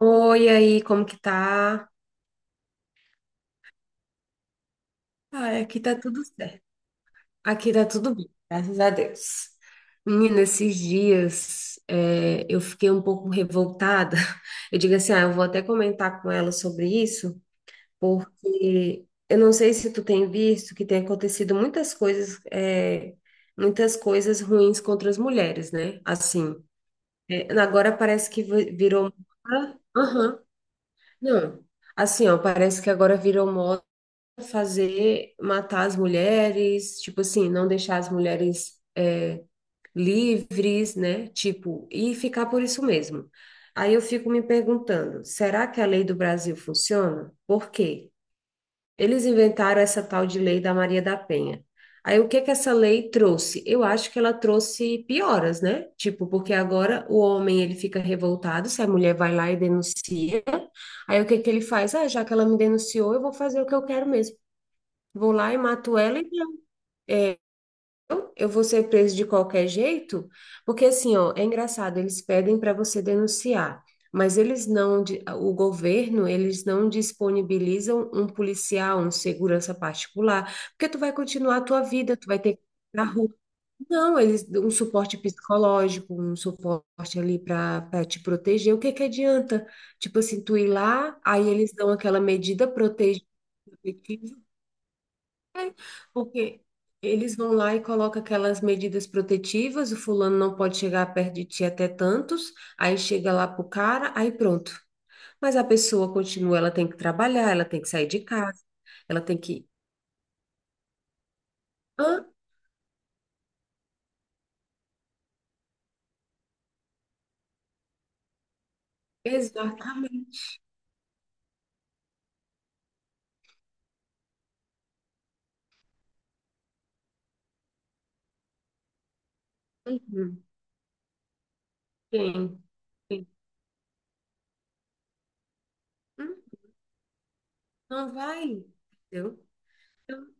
Oi, aí, como que tá? Ah, aqui tá tudo certo. Aqui tá tudo bem, graças a Deus. Menina, esses dias eu fiquei um pouco revoltada. Eu digo assim, ah, eu vou até comentar com ela sobre isso, porque eu não sei se tu tem visto que tem acontecido muitas coisas, muitas coisas ruins contra as mulheres, né? Assim, é, agora parece que virou... Aham. Não, assim, ó, parece que agora virou moda fazer, matar as mulheres, tipo assim, não deixar as mulheres livres, né? Tipo, e ficar por isso mesmo. Aí eu fico me perguntando, será que a lei do Brasil funciona? Por quê? Eles inventaram essa tal de lei da Maria da Penha. Aí o que que essa lei trouxe? Eu acho que ela trouxe pioras, né? Tipo, porque agora o homem ele fica revoltado se a mulher vai lá e denuncia. Aí o que que ele faz? Ah, já que ela me denunciou, eu vou fazer o que eu quero mesmo. Vou lá e mato ela e já. É, eu vou ser preso de qualquer jeito, porque assim, ó, é engraçado, eles pedem para você denunciar, mas eles não, o governo, eles não disponibilizam um policial, um segurança particular, porque tu vai continuar a tua vida, tu vai ter que ir na rua. Não, eles um suporte psicológico, um suporte ali para te proteger. O que que adianta? Tipo assim, tu ir lá, aí eles dão aquela medida protetiva. Porque eles vão lá e colocam aquelas medidas protetivas, o fulano não pode chegar perto de ti até tantos, aí chega lá pro cara, aí pronto. Mas a pessoa continua, ela tem que trabalhar, ela tem que sair de casa, ela tem que. Hã? Exatamente. Uhum. Tem, tem. Hum. Não vai, entendeu? Então,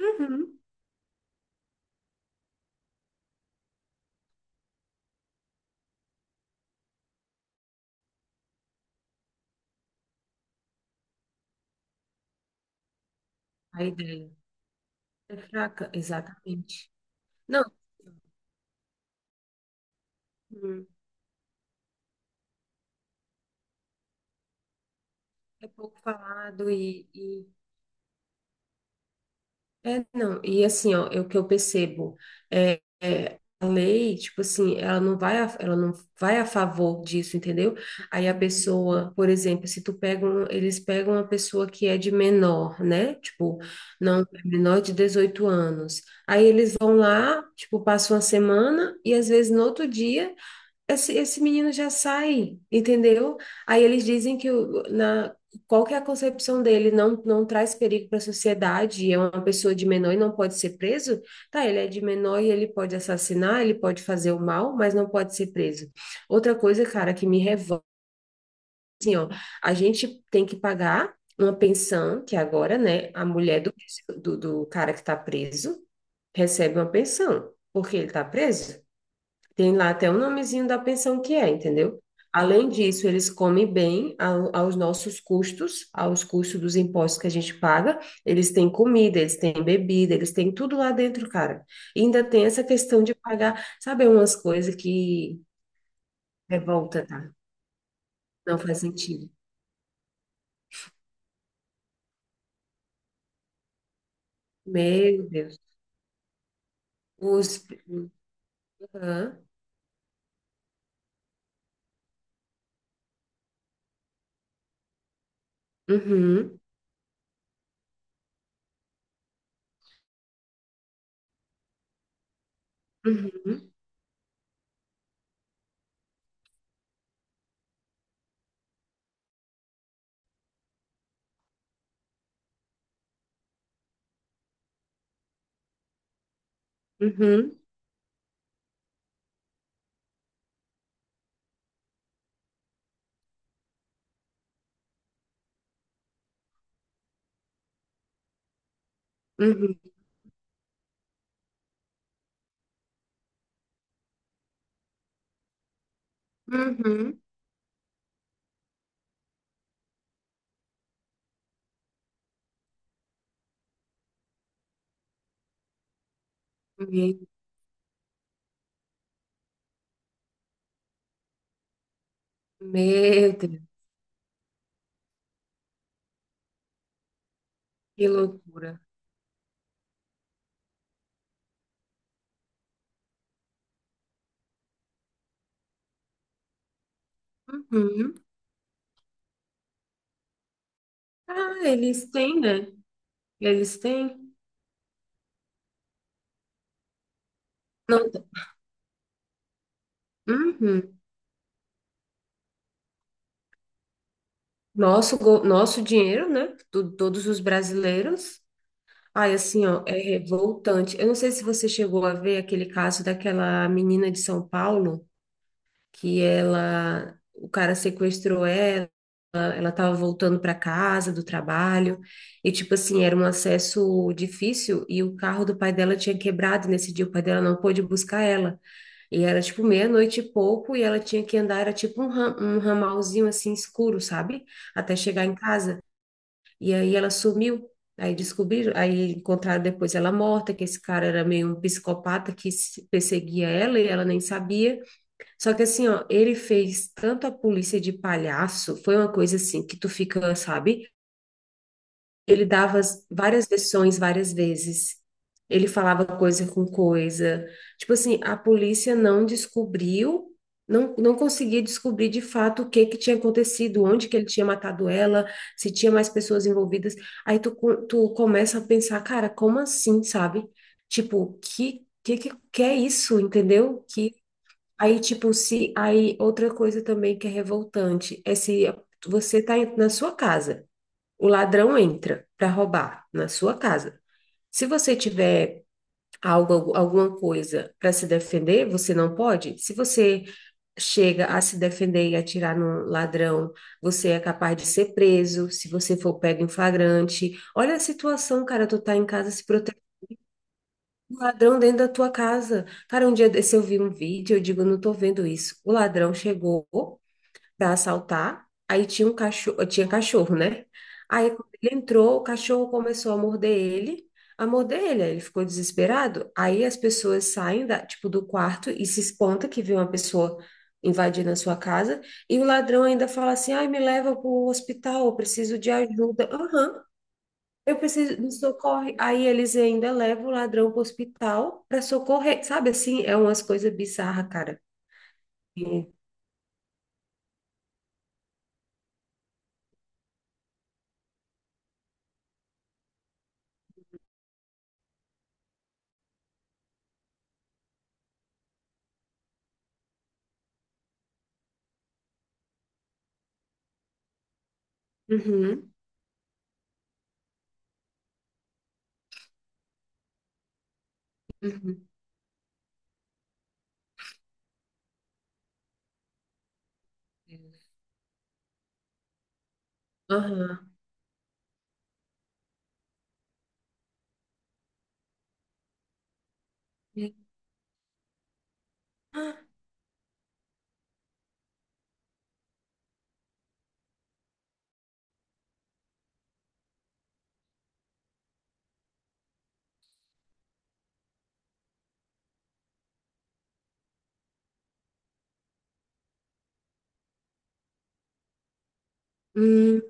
uhum. A ideia é fraca, exatamente. Não, hum, é pouco falado e é, não, e assim, ó, é o que eu percebo a lei, tipo assim, ela não vai a, ela não vai a favor disso, entendeu? Aí a pessoa, por exemplo, se tu pega um, eles pegam uma pessoa que é de menor, né? Tipo, não, é menor de 18 anos. Aí eles vão lá, tipo, passam uma semana e às vezes no outro dia esse menino já sai, entendeu? Aí eles dizem que na, qual que é a concepção dele, não, não traz perigo para a sociedade, é uma pessoa de menor e não pode ser preso? Tá, ele é de menor e ele pode assassinar, ele pode fazer o mal, mas não pode ser preso. Outra coisa, cara, que me revolta, assim, ó, a gente tem que pagar uma pensão, que agora, né, a mulher do, do cara que está preso recebe uma pensão, porque ele está preso. Tem lá até o nomezinho da pensão que é, entendeu? Além disso, eles comem bem aos nossos custos, aos custos dos impostos que a gente paga. Eles têm comida, eles têm bebida, eles têm tudo lá dentro, cara. E ainda tem essa questão de pagar, sabe, umas coisas que revolta, tá? Não faz sentido. Meu Deus. Os... Aham. Uhum. Uhum. Uhum. Uhum. Uhum. Meu Deus, que loucura. Uhum. Ah, eles têm, né? Eles têm. Não, tem- uhum. Nosso, nosso dinheiro, né? Do, todos os brasileiros. Ai, assim, ó, é revoltante. Eu não sei se você chegou a ver aquele caso daquela menina de São Paulo, que ela, o cara sequestrou ela, ela tava voltando para casa do trabalho, e tipo assim, era um acesso difícil, e o carro do pai dela tinha quebrado nesse dia, o pai dela não pôde buscar ela. E era tipo meia-noite e pouco, e ela tinha que andar, era tipo um, um ramalzinho assim escuro, sabe? Até chegar em casa. E aí ela sumiu. Aí descobriram, aí encontraram depois ela morta, que esse cara era meio um psicopata que perseguia ela e ela nem sabia. Só que assim, ó, ele fez tanto a polícia de palhaço, foi uma coisa assim que tu fica, sabe? Ele dava várias versões várias vezes. Ele falava coisa com coisa. Tipo assim, a polícia não descobriu, não, não conseguia descobrir de fato o que que tinha acontecido, onde que ele tinha matado ela, se tinha mais pessoas envolvidas. Aí tu, tu começa a pensar, cara, como assim, sabe? Tipo, que é isso, entendeu? Que aí tipo se aí outra coisa também que é revoltante é se você tá na sua casa. O ladrão entra para roubar na sua casa. Se você tiver algo, alguma coisa para se defender, você não pode. Se você chega a se defender e atirar no ladrão, você é capaz de ser preso. Se você for pego em flagrante, olha a situação, cara, tu tá em casa se protegendo do ladrão dentro da tua casa. Cara, um dia desse eu vi um vídeo, eu digo, eu não tô vendo isso. O ladrão chegou para assaltar. Aí tinha um cachorro, tinha cachorro, né? Aí quando ele entrou, o cachorro começou a morder ele, aí ele ficou desesperado. Aí as pessoas saem da, tipo, do quarto e se espanta que vê uma pessoa invadindo a sua casa, e o ladrão ainda fala assim: "Ai, me leva para o hospital, eu preciso de ajuda". Aham. Eu preciso me socorre. Aí eles ainda levam o ladrão para o hospital para socorrer. Sabe assim, é umas coisas bizarras, cara. E- Uhum. Uhum. Aham. Ah. Hum,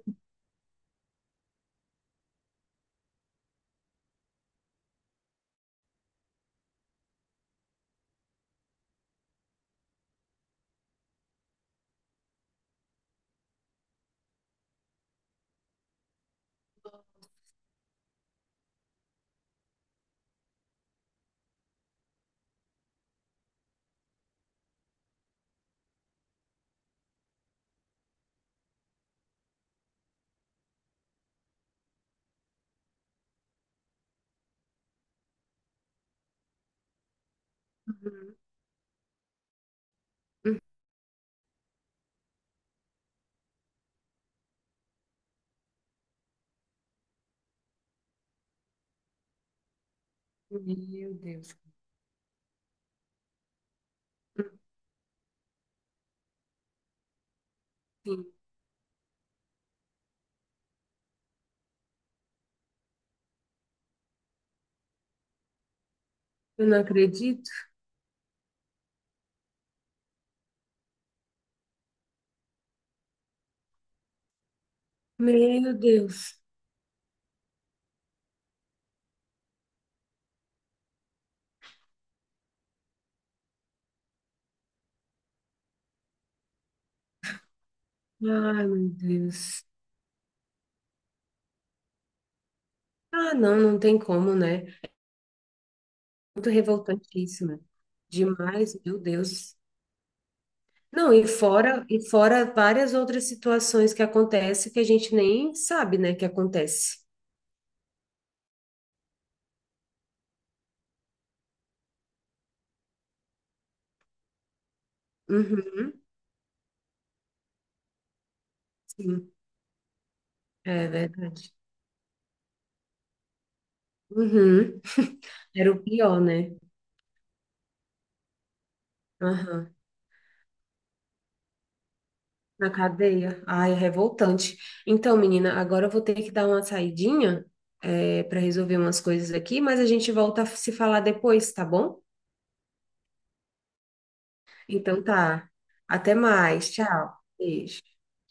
hum. Meu Deus. Sim, eu não acredito. Meu Deus. Ai, meu Deus. Ah, não, não tem como, né? Muito revoltantíssimo. Demais, meu Deus. Não, e fora várias outras situações que acontecem que a gente nem sabe, né, que acontece. Uhum, sim, é verdade. Uhum. Era o pior, né? Aham. Na cadeia? Ai, é revoltante. Então, menina, agora eu vou ter que dar uma saidinha, é, para resolver umas coisas aqui, mas a gente volta a se falar depois, tá bom? Então tá. Até mais. Tchau. Beijo.